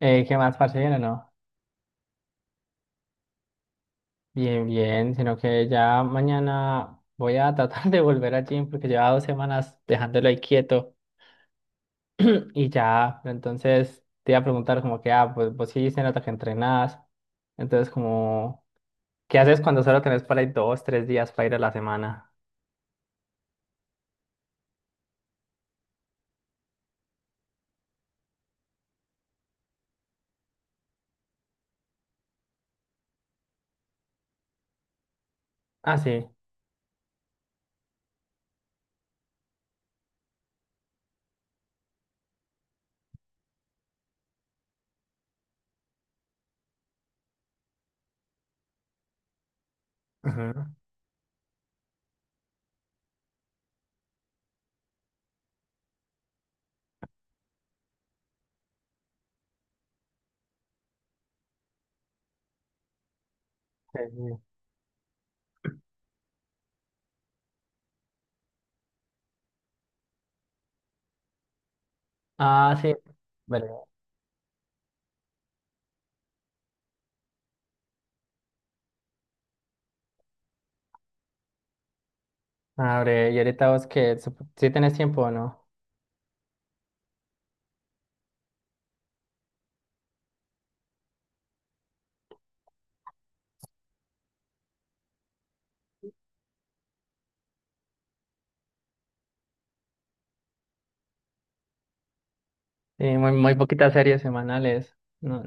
¿Qué más, parcero? No, bien, bien, sino que ya mañana voy a tratar de volver al gym porque llevaba 2 semanas dejándolo ahí quieto y ya, pero entonces te iba a preguntar como que, pues vos sí se nota que entrenás, entonces como, ¿qué haces cuando solo tenés para ir dos, tres días para ir a la semana? Ah, sí. Ujú, sí, sí. Ah, sí. Vale. Abre, y ahorita vos que, si tenés tiempo o no. Sí, muy, muy poquitas series semanales. No.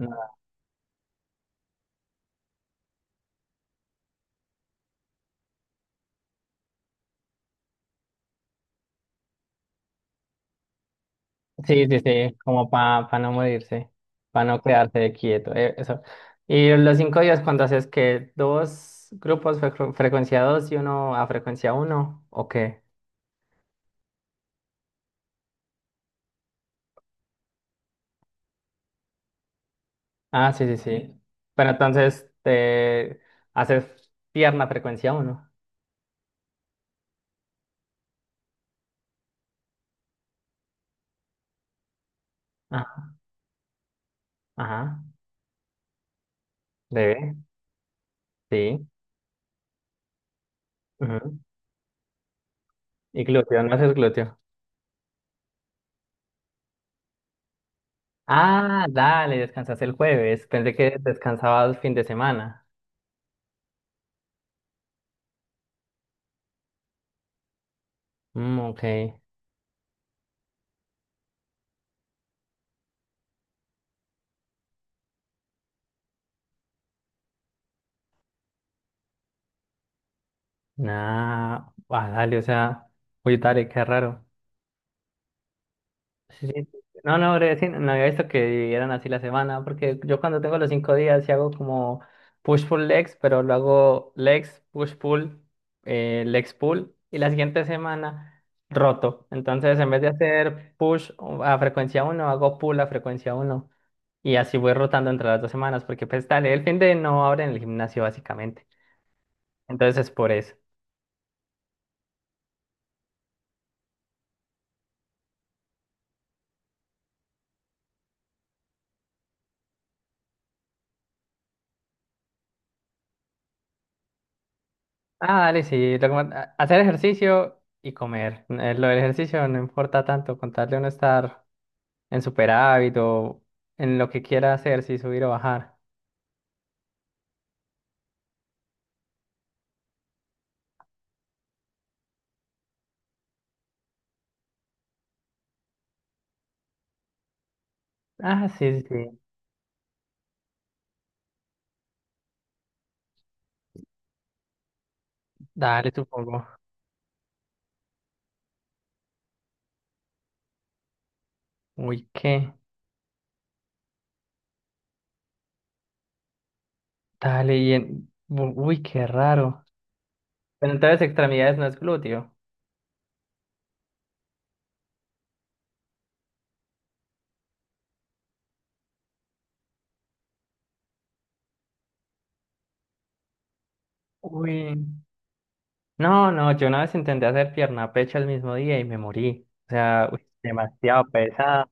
Sí, sí, sí, como para no morirse, para no quedarse quieto, eso. Y los 5 días cuando haces que dos grupos frecuencia 2 y uno a frecuencia uno, ¿o qué? Ah, sí, sí, sí. Pero entonces te haces pierna frecuencia uno. Ajá, ajá, debe, sí. Ujú. Y glúteo, no haces glúteo. Ah, dale, descansas el jueves. Pensé que descansabas fin de semana. Mm, ok. Nah, dale, o sea, oye, Tarek, qué raro. Sí, sí. No, no, breve, sí, no había visto que eran así la semana, porque yo cuando tengo los 5 días sí hago como push-pull legs, pero lo hago legs, push-pull, legs pull, y la siguiente semana roto. Entonces, en vez de hacer push a frecuencia uno, hago pull a frecuencia uno, y así voy rotando entre las dos semanas, porque pues dale, el fin de no abre en el gimnasio básicamente. Entonces es por eso. Ah, dale, sí. lo que más- a- Hacer ejercicio y comer. Lo del ejercicio no importa tanto, con tal de uno estar en superávit o en lo que quiera hacer, si subir o bajar. Ah, sí, sí. Sí. Dale, supongo. Uy, qué. Dale. Uy, qué raro. Pero entonces extremidades no es glúteo. Uy. No, no, yo una vez intenté hacer pierna, pecho el mismo día y me morí. O sea, uy, demasiado pesado.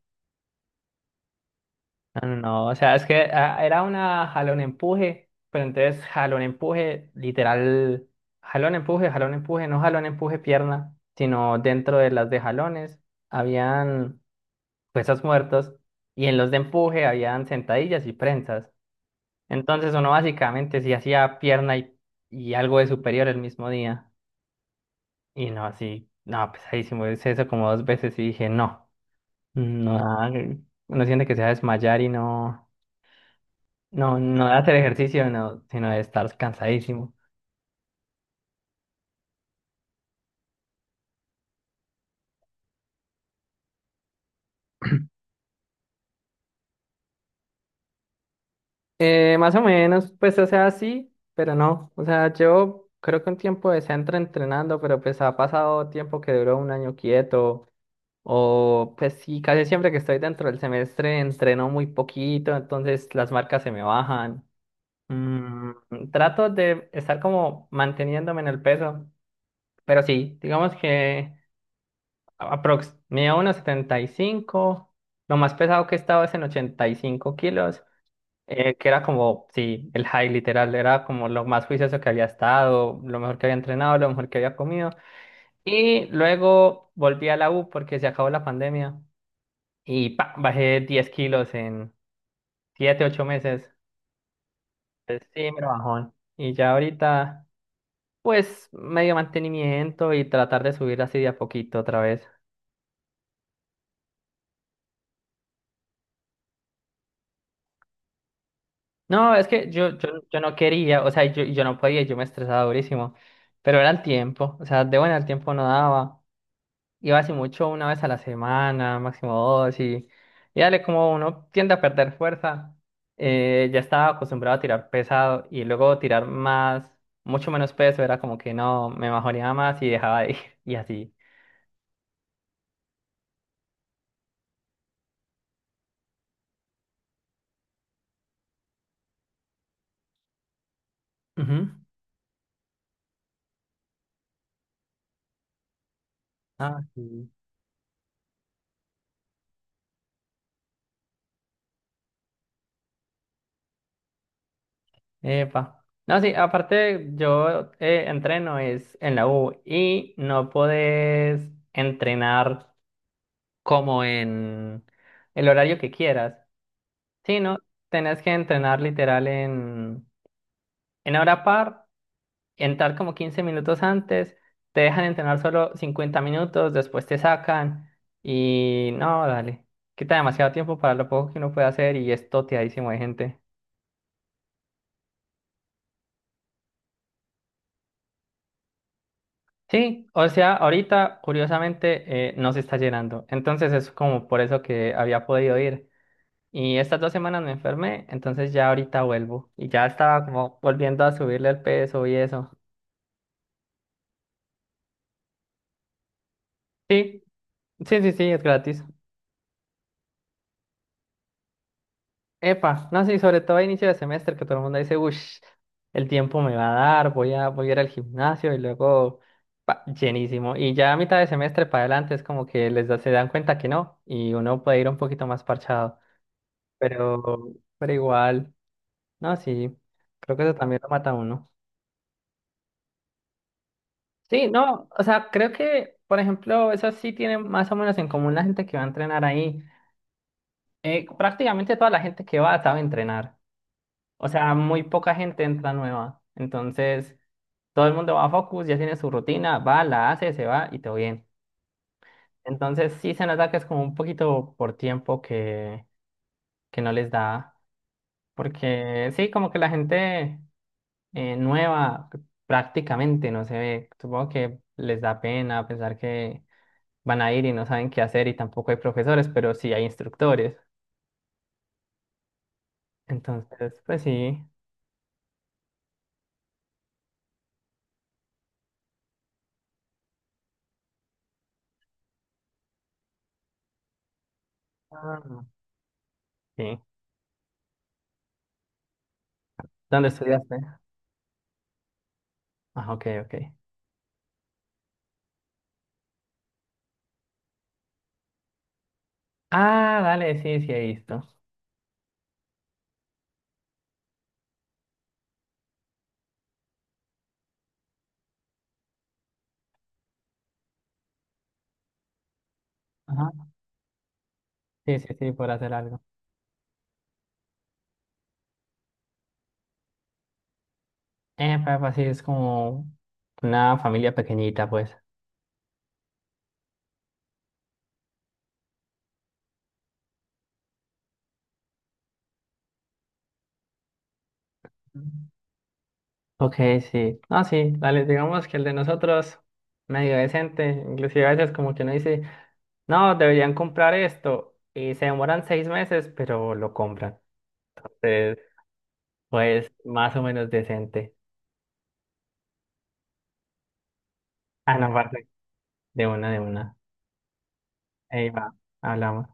No, no, no, o sea, es que era una jalón-empuje, pero entonces jalón-empuje, literal, jalón-empuje, jalón-empuje, no jalón-empuje pierna, sino dentro de las de jalones habían pesos muertos y en los de empuje habían sentadillas y prensas. Entonces uno básicamente sí hacía pierna y algo de superior el mismo día. Y no, así, no, pesadísimo, hice eso como dos veces y dije, no, no, uno siente que se va a desmayar y no. No, no de hacer ejercicio, no, sino de estar cansadísimo. Más o menos, pues, o sea, sí, pero no. O sea, yo creo que un tiempo de centro entrenando, pero pues ha pasado tiempo que duró un año quieto. O pues sí, casi siempre que estoy dentro del semestre entreno muy poquito, entonces las marcas se me bajan. Trato de estar como manteniéndome en el peso, pero sí, digamos que... Aprox, medía unos 75. Lo más pesado que he estado es en 85 kilos, que era como, sí, el high literal, era como lo más juicioso que había estado, lo mejor que había entrenado, lo mejor que había comido. Y luego volví a la U porque se acabó la pandemia y pa, bajé 10 kilos en 7 8 meses. Pues sí, me lo bajón. Y ya ahorita, pues medio mantenimiento y tratar de subir así de a poquito otra vez. No, es que yo no quería, o sea, yo no podía, yo me estresaba durísimo, pero era el tiempo, o sea, de buena el tiempo no daba, iba así mucho una vez a la semana, máximo dos, y dale, como uno tiende a perder fuerza, ya estaba acostumbrado a tirar pesado y luego tirar más, mucho menos peso, era como que no, me mejoreaba más y dejaba de ir, y así. Ujú. Ah, sí. Epa. No, sí, aparte yo entreno es en la U y no podés entrenar como en el horario que quieras, sino tenés que entrenar literal en, hora par, entrar como 15 minutos antes, te dejan entrenar solo 50 minutos, después te sacan y no, dale, quita demasiado tiempo para lo poco que uno puede hacer y es toteadísimo de gente. Sí, o sea, ahorita curiosamente no se está llenando. Entonces es como por eso que había podido ir. Y estas 2 semanas me enfermé, entonces ya ahorita vuelvo. Y ya estaba como volviendo a subirle el peso y eso. Sí, sí, sí, sí, es gratis. Epa, no, sí, sobre todo a inicio de semestre que todo el mundo dice, uff, el tiempo me va a dar, voy a ir al gimnasio y luego pa, llenísimo. Y ya a mitad de semestre para adelante es como que les da, se dan cuenta que no y uno puede ir un poquito más parchado. Pero igual, no, sí, creo que eso también lo mata a uno. Sí, no, o sea, creo que, por ejemplo, eso sí tiene más o menos en común la gente que va a entrenar ahí. Prácticamente toda la gente que va sabe entrenar, o sea, muy poca gente entra nueva, entonces todo el mundo va a Focus, ya tiene su rutina, va, la hace, se va y todo bien. Entonces sí se nota que es como un poquito por tiempo que no les da, porque sí, como que la gente nueva prácticamente no se ve. Supongo que les da pena pensar que van a ir y no saben qué hacer y tampoco hay profesores, pero sí hay instructores. Entonces, pues sí. Ah, sí. ¿Dónde estudiaste? Ah, ok, ok. Ah, dale, sí, sí he visto. Ajá. Sí, sí, sí, por hacer algo. Papá, sí, es como una familia pequeñita, pues. Ujú. Ok, sí. No, sí, dale, digamos que el de nosotros, medio decente, inclusive a veces como que no dice. No, deberían comprar esto. Y se demoran 6 meses, pero lo compran. Entonces, pues, más o menos decente. Ah, no, parce, de una, de una. Ahí va, hablamos.